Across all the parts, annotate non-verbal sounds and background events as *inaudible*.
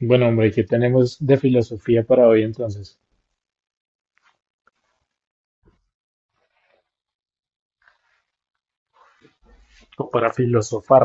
Bueno, hombre, ¿qué tenemos de filosofía para hoy entonces? O para filosofar.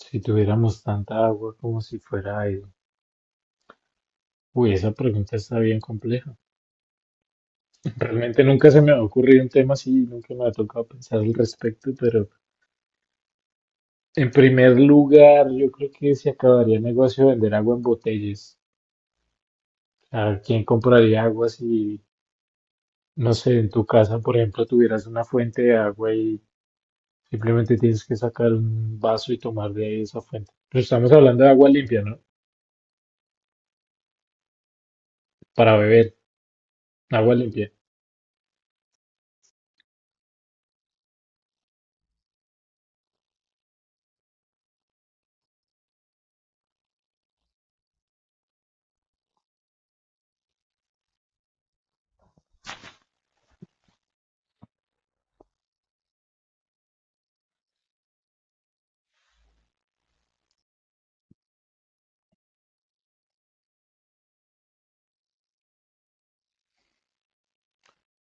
Si tuviéramos tanta agua como si fuera aire. Uy, esa pregunta está bien compleja. *laughs* Realmente nunca se me ha ocurrido un tema así, nunca me ha tocado pensar al respecto, pero en primer lugar, yo creo que se acabaría el negocio de vender agua en botellas. ¿A quién compraría agua si, no sé, en tu casa, por ejemplo, tuvieras una fuente de agua y simplemente tienes que sacar un vaso y tomar de esa fuente? Pero estamos hablando de agua limpia, ¿no? Para beber agua limpia.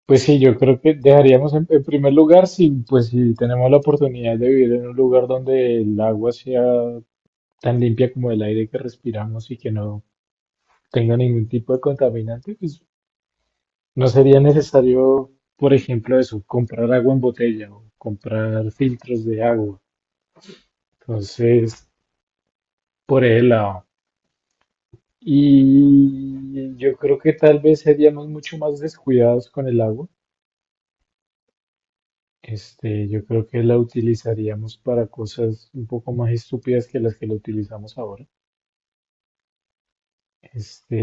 Pues sí, yo creo que dejaríamos en primer lugar si, pues, si tenemos la oportunidad de vivir en un lugar donde el agua sea tan limpia como el aire que respiramos y que no tenga ningún tipo de contaminante, pues no sería necesario, por ejemplo, eso, comprar agua en botella o comprar filtros de agua. Entonces, por el lado. Y yo creo que tal vez seríamos mucho más descuidados con el agua. Este, yo creo que la utilizaríamos para cosas un poco más estúpidas que las que la utilizamos ahora. Este,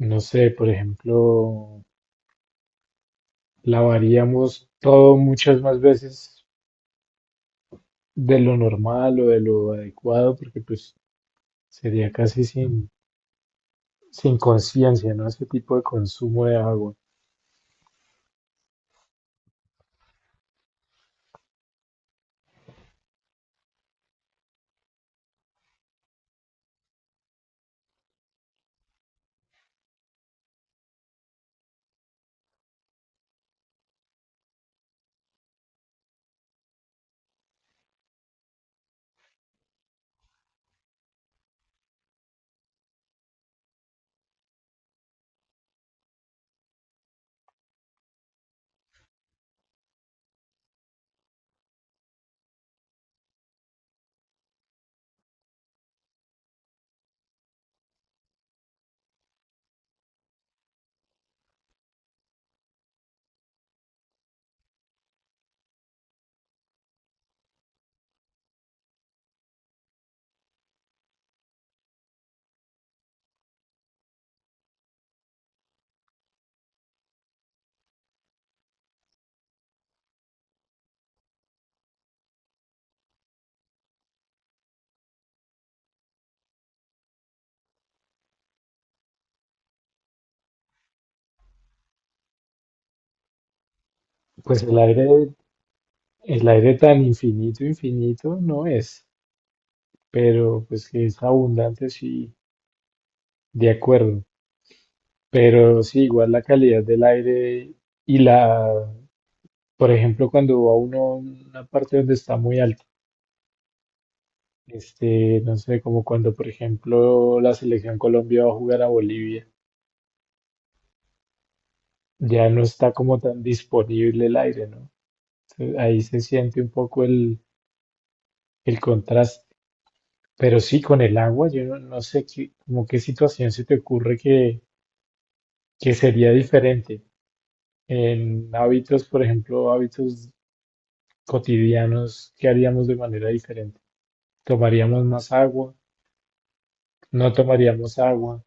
no sé, por ejemplo, lavaríamos todo muchas más veces de lo normal o de lo adecuado, porque pues sería casi sin conciencia, ¿no? Ese tipo de consumo de agua. Pues el aire tan infinito, infinito no es, pero pues que es abundante, sí, de acuerdo. Pero sí, igual la calidad del aire y la, por ejemplo, cuando va uno a una parte donde está muy alto, este, no sé, como cuando, por ejemplo, la selección Colombia va a jugar a Bolivia, ya no está como tan disponible el aire, ¿no? Entonces, ahí se siente un poco el contraste. Pero sí, con el agua, yo no, no sé qué, como qué situación se te ocurre que sería diferente. En hábitos, por ejemplo, hábitos cotidianos, ¿qué haríamos de manera diferente? Tomaríamos más agua, no tomaríamos agua,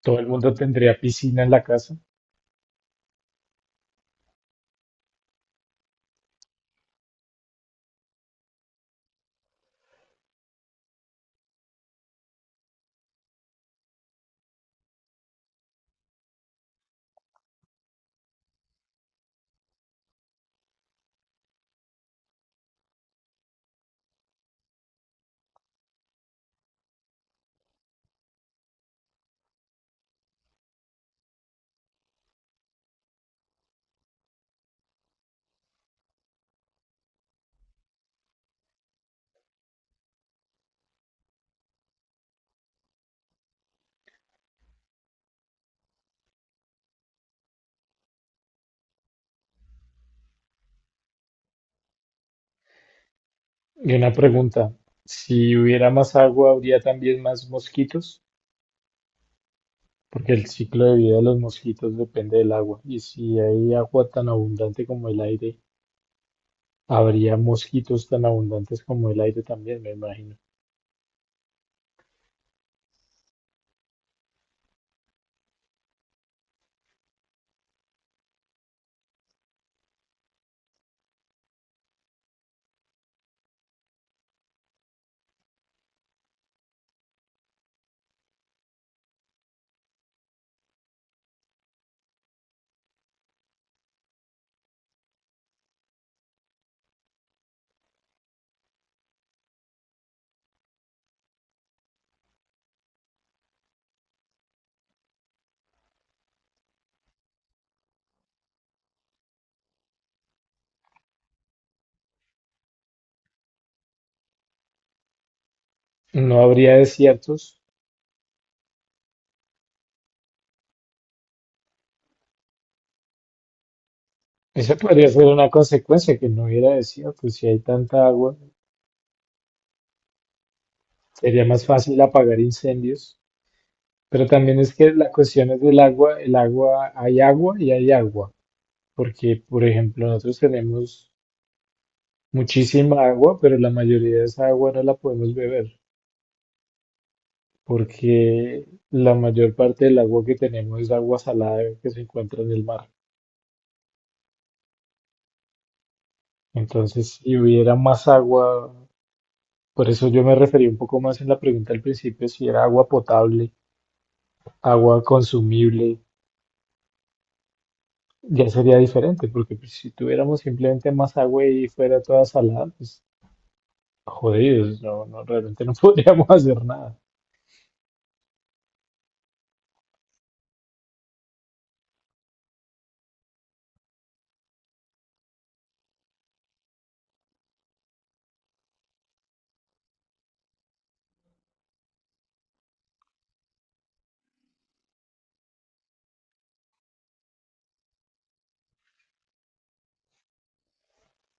todo el mundo tendría piscina en la casa. Y una pregunta, si hubiera más agua, ¿habría también más mosquitos? Porque el ciclo de vida de los mosquitos depende del agua. Y si hay agua tan abundante como el aire, habría mosquitos tan abundantes como el aire también, me imagino. No habría desiertos. Esa podría ser una consecuencia, que no hubiera desiertos. Si hay tanta agua, sería más fácil apagar incendios. Pero también es que la cuestión es del agua, el agua, hay agua y hay agua, porque por ejemplo nosotros tenemos muchísima agua, pero la mayoría de esa agua no la podemos beber, porque la mayor parte del agua que tenemos es agua salada que se encuentra en el mar. Entonces, si hubiera más agua, por eso yo me referí un poco más en la pregunta al principio, si era agua potable, agua consumible, ya sería diferente, porque pues, si tuviéramos simplemente más agua y fuera toda salada, pues jodidos, no, no, realmente no *laughs* podríamos hacer nada.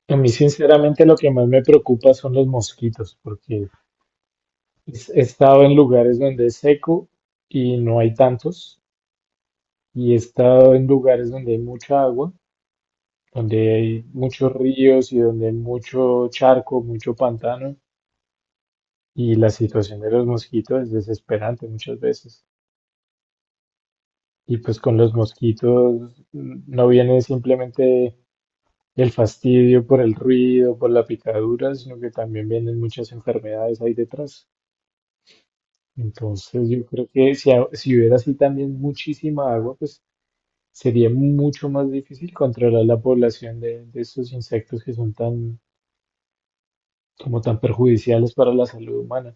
A mí, sinceramente, lo que más me preocupa son los mosquitos, porque he estado en lugares donde es seco y no hay tantos, y he estado en lugares donde hay mucha agua, donde hay muchos ríos y donde hay mucho charco, mucho pantano, y la situación de los mosquitos es desesperante muchas veces. Y pues con los mosquitos no vienen simplemente el fastidio por el ruido, por la picadura, sino que también vienen muchas enfermedades ahí detrás. Entonces, yo creo que si, si hubiera así también muchísima agua, pues sería mucho más difícil controlar la población de estos insectos que son tan, como tan perjudiciales para la salud humana.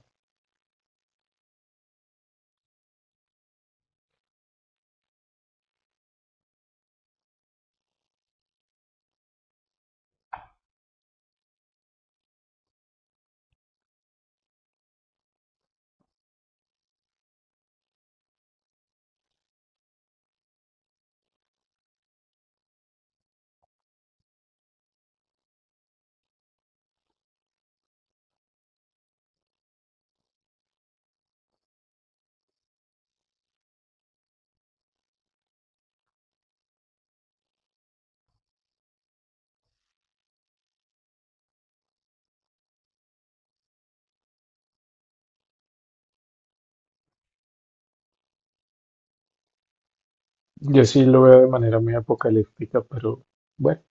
Yo sí lo veo de manera muy apocalíptica, pero bueno,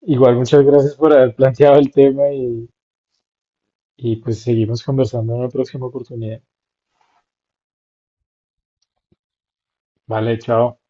igual muchas gracias por haber planteado el tema y pues seguimos conversando en la próxima oportunidad. Vale, chao.